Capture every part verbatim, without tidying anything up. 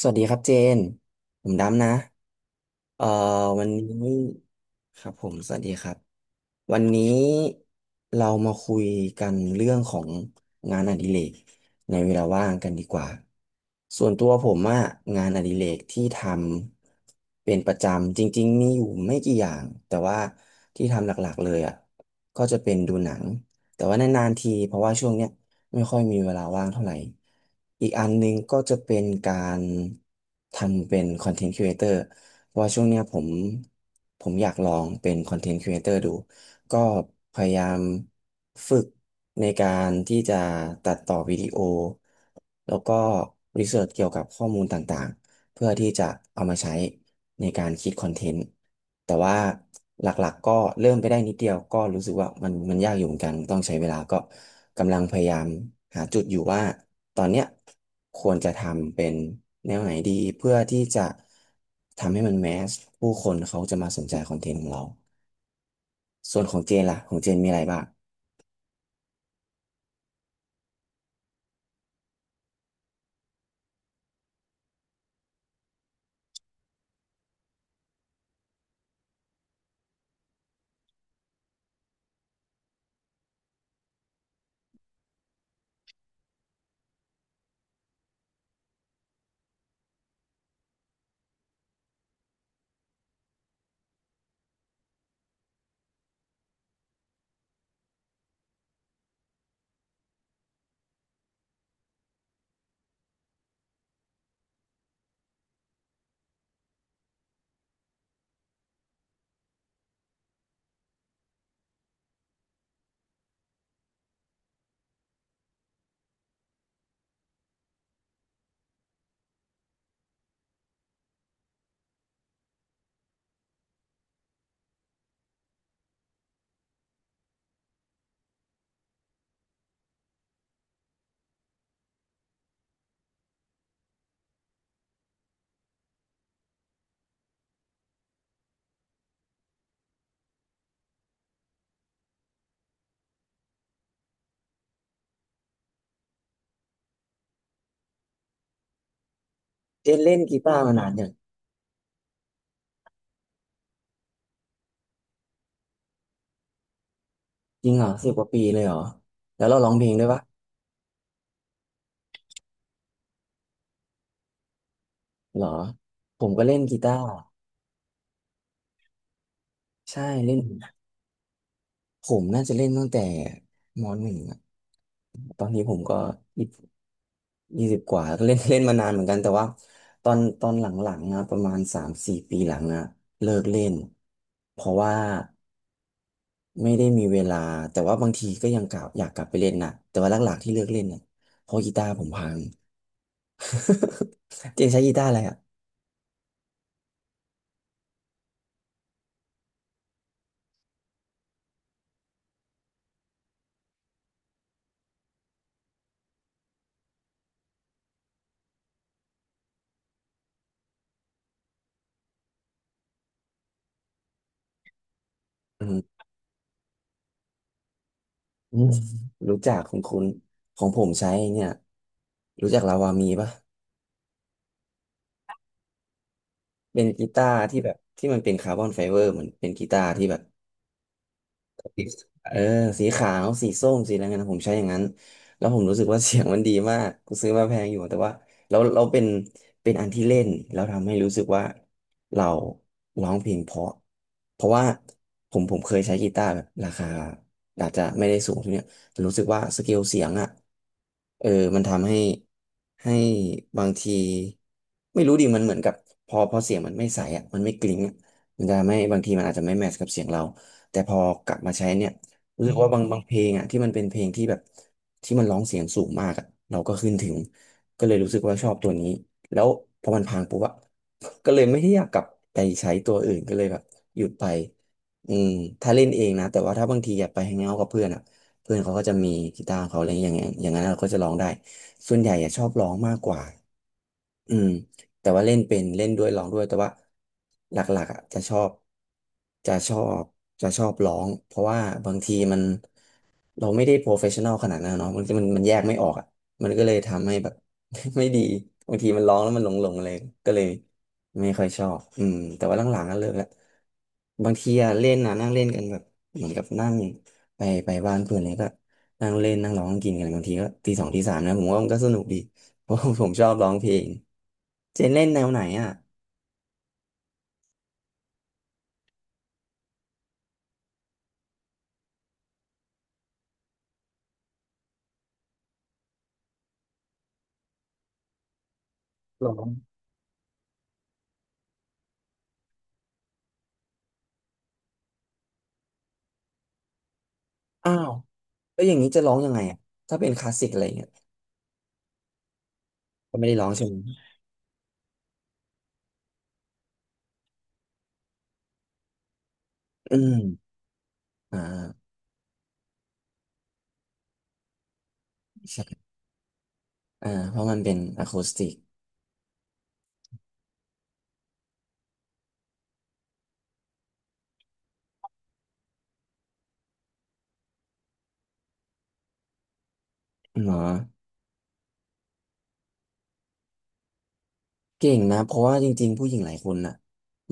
สวัสดีครับเจน ผมดำนะเอ่อวันนี้ครับผมสวัสดีครับ วันนี้เรามาคุยกันเรื่องของงานอดิเรกในเวลาว่างกันดีกว่าส่วนตัวผมอะงานอดิเรกที่ทำเป็นประจำจริงๆมีอยู่ไม่กี่อย่างแต่ว่าที่ทำหลักๆเลยอะก็จะเป็นดูหนังแต่ว่านานๆทีเพราะว่าช่วงเนี้ยไม่ค่อยมีเวลาว่างเท่าไหร่อีกอันหนึงก็จะเป็นการทำเป็นคอนเทนต์ครีเอเตอร์เพราะว่าช่วงเนี้ยผมผมอยากลองเป็นคอนเทนต์ครีเอเตอร์ดู ก็พยายามฝึกในการที่จะตัดต่อวิดีโอแล้วก็รีเสิร์ชเกี่ยวกับข้อมูลต่างๆเพื่อที่จะเอามาใช้ในการคิดคอนเทนต์แต่ว่าหลักๆก็เริ่มไปได้นิดเดียวก็รู้สึกว่ามันมันยากอยู่เหมือนกันต้องใช้เวลาก็กำลังพยายามหาจุดอยู่ว่าตอนเนี้ยควรจะทำเป็นแนวไหนดีเพื่อที่จะทำให้มันแมสผู้คนเขาจะมาสนใจคอนเทนต์ของเรา ส่วนของเจนล่ะของเจนมีอะไรบ้างเจนเล่นกีตาร์มานานอย่างจริงเหรอสิบกว่าปีเลยเหรอแล้วเราร้องเพลงด้วยปะเหรอผมก็เล่นกีตาร์ใช่เล่นผมน่าจะเล่นตั้งแต่ม หนึ่งอะตอนนี้ผมก็ยี่สิบยี่สิบกว่าก็เล่น เล่นมานานเหมือนกันแต่ว่าตอนตอนหลังๆนะประมาณสามสี่ปีหลังอะเลิกเล่นเพราะว่าไม่ได้มีเวลาแต่ว่าบางทีก็ยังกลับอยากกลับไปเล่นนะแต่ว่าหลักๆที่เลิกเล่นเนี่ยเพราะกีตาร์ผมพัง เจนใช้กีตาร์อะไรอ่ะอืมอืมรู้จักคุณคุณของผมใช้เนี่ยรู้จักลาวามีปะเป็นกีตาร์ที่แบบที่มันเป็นคาร์บอนไฟเบอร์เหมือนเป็นกีตาร์ที่แบบ สีเออสีขาวสีส้มสีอะไรเงี้ยนะผมใช้อย่างนั้นแล้วผมรู้สึกว่า เสียงมันดีมากกูซื้อมาแพงอยู่แต่ว่าเราเราเป็นเป็นอันที่เล่นแล้วทำให้รู้สึกว่าเราร้องเพลงเพราะเพราะว่าผมผมเคยใช้กีตาร์แบบราคาอาจจะไม่ได้สูงเท่าเนี้ยแต่รู้สึกว่าสเกลเสียงอ่ะเออมันทำให้ให้บางทีไม่รู้ดิมันเหมือนกับพอพอเสียงมันไม่ใสอ่ะมันไม่กลิ้งอะมันจะไม่บางทีมันอาจจะไม่แมทช์กับเสียงเรา แต่พอกลับมาใช้เนี่ยรู้สึกว่าบางบางเพลงอ่ะที่มันเป็นเพลงที่แบบที่มันร้องเสียงสูงมากอ่ะเราก็ขึ้นถึงก็เลยรู้สึกว่าชอบตัวนี้แล้วพอมันพังปุ๊บอะ ก็เลยไม่ได้อยากกลับไปใช้ตัวอื่นก็เลยแบบหยุดไปอืมถ้าเล่นเองนะแต่ว่าถ้าบางทีอยากไปแฮงเอาท์กับเพื่อนอ่ะเพื่อนเขาก็จะมีกีตาร์ของเขาอะไรอย่างเงี้ยอย่างนั้นเราก็จะร้องได้ส่วนใหญ่อะชอบร้องมากกว่าอืม แต่ว่าเล่นเป็นเล่นด้วยร้องด้วยแต่ว่าหลักๆอ่ะจะชอบจะชอบจะชอบร้องเพราะว่าบางทีมัน เราไม่ได้โปรเฟชชั่นอลขนาดนั้นเนาะมันมันมันแยกไม่ออกอ่ะมันก็เลยทำให้แบบ ไม่ดีบางทีมันร้องแล้วมันหลงหลงอะไรก็เลยไม่ค่อยชอบอืมแต่ว่าหลังๆก็เลิกละบางทีอะเล่นนะนั่งเล่นกันแบบเหมือนกับนั่งไปไปบ้านเพื่อนเลยก็นั่งเล่นนั่งร้องกินกันบางทีก็ตีสองตีสามนะผมว่ามันก็สนุกดีเพราะ ผมชอบร้องเพลงเจนเล่นแนวไหนอ่ะร้องอ้าวแล้วอย่างนี้จะร้องยังไงอ่ะถ้าเป็นคลาสสิกอะไรเงี้ยก็ไม่ได้ร้องใช่ไหมอืมอ่าใช่ อ่าเพราะมันเป็นอะคูสติกเนาะเก่งนะเพราะว่าจริงๆผู้หญิงหลายคนน่ะ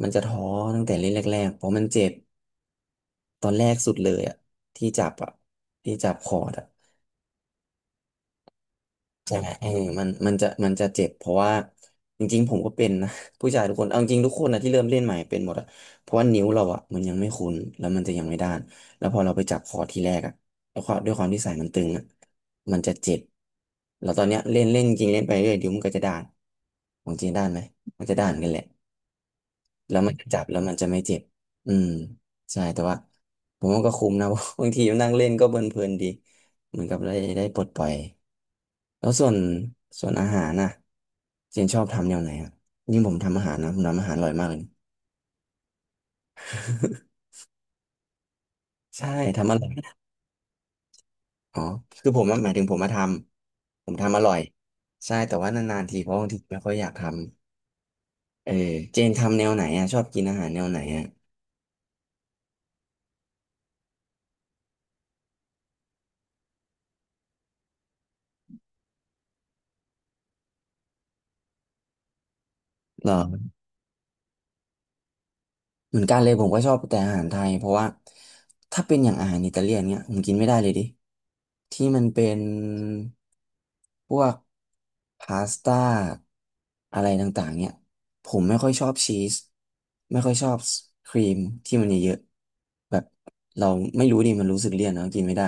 มันจะท้อตั้งแต่เล่นแรกๆเพราะมันเจ็บตอนแรกสุดเลยอ่ะที่จับอ่ะที่จับคอร์ดอ่ะ ใช่ไหมเออมันมันจะมันจะเจ็บเพราะว่าจริงๆผมก็เป็นนะ ผู้ชายทุกคนเอาจริงทุกคนนะที่เริ่มเล่นใหม่เป็นหมดอะเพราะว่านิ้วเราอะมันยังไม่คุ้นแล้วมันจะยังไม่ด้านแล้วพอเราไปจับคอร์ทีแรกอะแล้วความด้วยความที่สายมันตึงอะมันจะเจ็บแล้วตอนเนี้ยเล่นเล่นจริงเล่นไปเรื่อยเดี๋ยวมันก็จะด้านของจริงด้านไหมมันจะด้านกันแหละแล้วมันจะจับแล้วมันจะไม่เจ็บอืมใช่แต่ว่าผมว่าก็คุ้มนะ บางทีนั่งเล่นก็เพลินๆดีเหมือนกับได้ได้ปลดปล่อย แล้วส่วนส่วนอาหารน่ะเจนชอบทำแนวไหนอ่ะยิ่งผมทำอาหารนะผมทำอาหารอร่อยมากเลย ใช่ทำอร่อยอ๋อคือผมอะหมายถึงผมมาทำผมทำอร่อยใช่แต่ว่านานๆทีเพราะบางทีไม่ค่อยอยากทำเออเจนทำแนวไหนอ่ะชอบกินอาหารแนวไหนอ่ะเหรอ เหมือนกันเลยผมก็ชอบแต่อาหารไทยเพราะว่าถ้าเป็นอย่างอาหารอิตาเลียนเนี้ยผมกินไม่ได้เลยดิที่มันเป็นพวกพาสต้าอะไรต่างๆเนี่ยผมไม่ค่อยชอบชีสไม่ค่อยชอบครีมที่มันเยอะๆแบบเราไม่รู้ดิมันรู้สึกเลี่ยนเนาะกินไม่ได้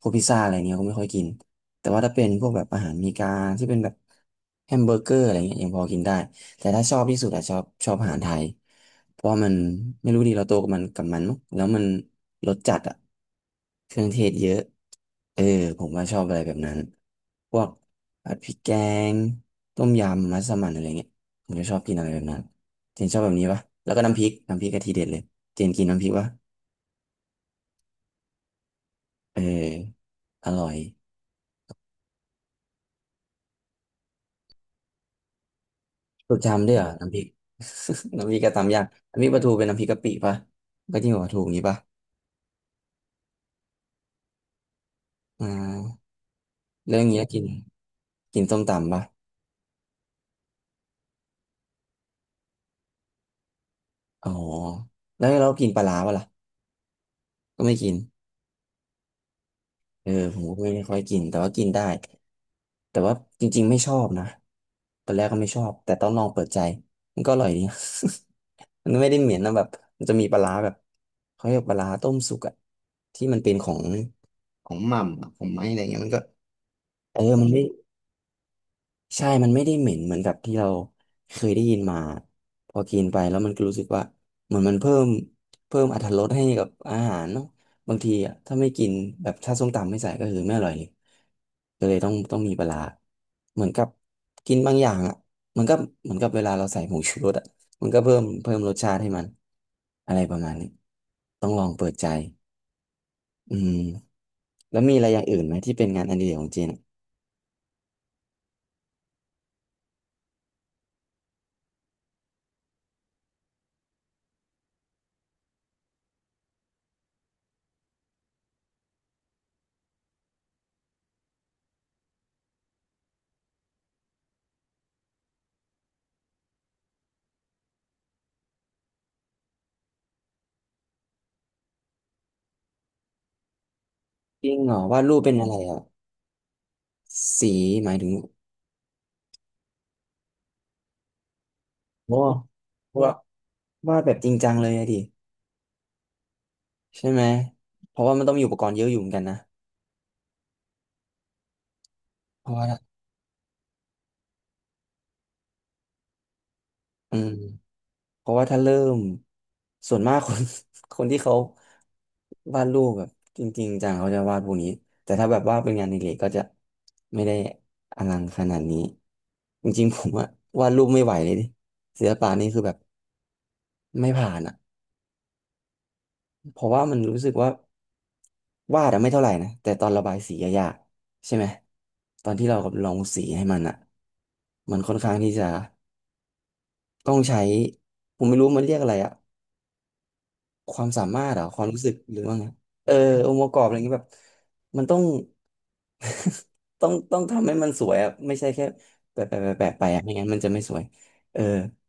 พวกพิซซ่าอะไรเงี้ยก็ไม่ค่อยกินแต่ว่าถ้าเป็นพวกแบบอาหารอเมีกาที่เป็นแบบแฮมเบอร์เกอร์อะไรเงี้ยยังพอกินได้ แต่ถ้าชอบที่สุดอะชอบชอบอาหารไทยเพราะว่ามันไม่รู้ดีเราโตกับมันกับมันมั้งแล้วมันรสจัดอะเครื่องเทศเยอะเออผมว่าชอบอะไรแบบนั้นพวกผัดพริกแกงต้มยำมัสมั่นอะไรเงี้ยผมจะชอบกินอะไรแบบนั้นเจนชอบแบบนี้ปะแล้วก็น้ำพริกน้ำพริกกะทีเด็ดเลยเจนกินน้ำพริกปะเอออร่อยสูตรจำด้วยเหรอน้ำพริก น้ำพริกกะตำยากน้ำพริกปลาทูเป็นน้ำพริกกะปิปะก็จิ้มกับปลาทูอย่างนี้ปะอ่า แล้วอย่างเงี้ยกินกินส้มตำปะอ๋อแล้วเรากินปลาร้าปะล่ะก็ไม่กินเออผมก็ไม่ค่อยกิน แต่ว่ากินได้ แต่ว่าจริงๆไม่ชอบนะตอนแรกก็ไม่ชอบ แต่ต้องลองเปิดใจ มันก็อร่อยดี มันไม่ได้เหม็นนะแบบมันจะมีปลาร้าแบบเขาเรียกปลาร้าต้มสุกอะที่มันเป็นของของหม่ำอะของไม้อะไรเงี้ยมันก็เออมันไม่ ใช่มันไม่ได้เหม็นเหมือนกับที่เราเคยได้ยินมาพอกินไปแล้วมันก็รู้สึกว่าเหมือนมันเพิ่มเพิ่มอรรถรสให้กับอาหารเนาะบางทีอะถ้าไม่กินแบบถ้าส้มตำไม่ใส่ก็คือไม่อร่อยเลยก็เลยต้องต้องมีปลาร้าเหมือนกับกินบางอย่างอ่ะมันก็เหมือนกับเวลาเราใส่ผงชูรสอ่ะมันก็เพิ่มเพิ่มรสชาติให้มันอะไรประมาณนี้ต้องลองเปิดใจอืมแล้วมีอะไรอย่างอื่นไหมที่เป็นงานอดิเรกของเจนอะจริงเหรอวาดรูปเป็นอะไรอ่ะสีหมายถึง โอ้ว่าวาดแบบจริงจังเลยอะดิใช่ไหมเพราะว่ามันต้องมีอุปกรณ์เยอะอยู่เหมือนกันนะเพราะว่าอืมเพราะว่าถ้าเริ่มส่วนมากคน คนที่เขาวาดรูปแบบจริงๆจังเขาจะวาดพวกนี้แต่ถ้าแบบว่าเป็นงานอดิเรกก็จะไม่ได้อลังขนาดนี้จริงๆผมอะวาดรูปไม่ไหวเลยดิศิลปะนี่คือแบบไม่ผ่านอะ เพราะว่ามันรู้สึกว่าวาดอะไม่เท่าไหร่นะแต่ตอนระบายสีอะยากใช่ไหมตอนที่เราลองสีให้มันอะมันค่อนข้างที่จะต้องใช้ผมไม่รู้มันเรียกอะไรอะความสามารถเหรอความรู้สึกหรือว่าไงเออองค์ประกอบอะไรเงี้ยแบบมันต้อง ต้องต้องทำให้มันสวยอะไม่ใช่แค่แปะแปะแปะแปะไปอะไม่งั้นมันจะไม่สวยเออ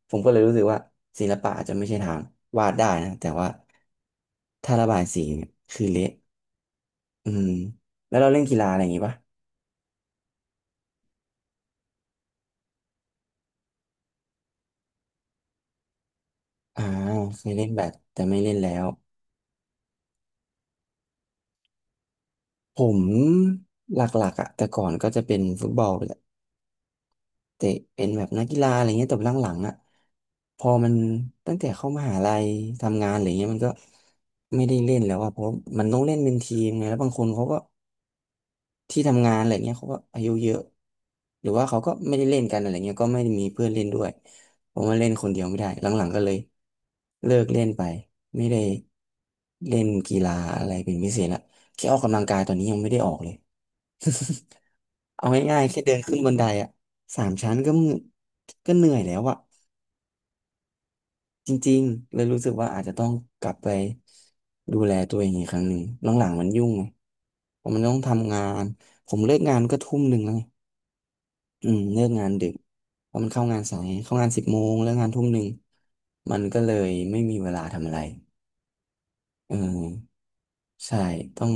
ผมก็เลยรู้สึกว่าศิลปะอาจจะไม่ใช่ทางวาดได้นะแต่ว่าถ้าระบายสีเนี่ยคือเละ อืมแล้วเราเล่นกีฬาอะไรอย่างงี้ปะอ่าเคยเล่นแบดแต่ไม่เล่นแล้วผมหลักๆอ่ะแต่ก่อนก็จะเป็นฟุตบอลแหละเตะเป็นแบบนักกีฬาอะไรเงี้ยแต่หลังๆอ่ะพอมันตั้งแต่เข้ามหาลัยทำงานอะไรเงี้ยมันก็ไม่ได้เล่นแล้วอ่ะเพราะมันต้องเล่นเป็นทีมไงแล้วบางคนเขาก็ ที่ทำงานอะไรเงี้ยเขาก็อายุเยอะหรือว่าเขาก็ไม่ได้เล่นกันอะไรเงี้ยก็ไม่ได้มีเพื่อนเล่นด้วยผมว่าเล่นคนเดียวไม่ได้หลังๆก็เลยเลิกเล่นไปไม่ได้เล่นกีฬาอะไรเป็นพิเศษละแค่ออกกำลังกายตอนนี้ยังไม่ได้ออกเลย เอาง่ายๆแค่เดินขึ้นบันไดอะสามชั้นก็มึก็เหนื่อยแล้วอะจริงๆเลยรู้สึกว่าอาจจะต้องกลับไปดูแลตัวเองอีกครั้งหนึ่งหลังๆมันยุ่งไงผมมันต้องทำงานผมเลิกงานก็ทุ่มหนึ่งแล้วไง อืมเลิกงานดึกเพราะมันเข้างานสายเข้างานสิบโมงเลิกงานทุ่มหนึ่งมันก็เลยไม่มีเวลาทำอะไรเออใช่ต้อง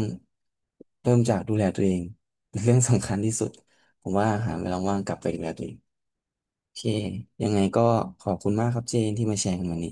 เริ่มจากดูแลตัวเองเป็นเรื่องสำคัญที่สุดผมว่าหาเวลาว่างกลับไปดูแลตัวเองโอเคยังไงก็ขอบคุณมากครับเจนที่มาแชร์กันวันนี้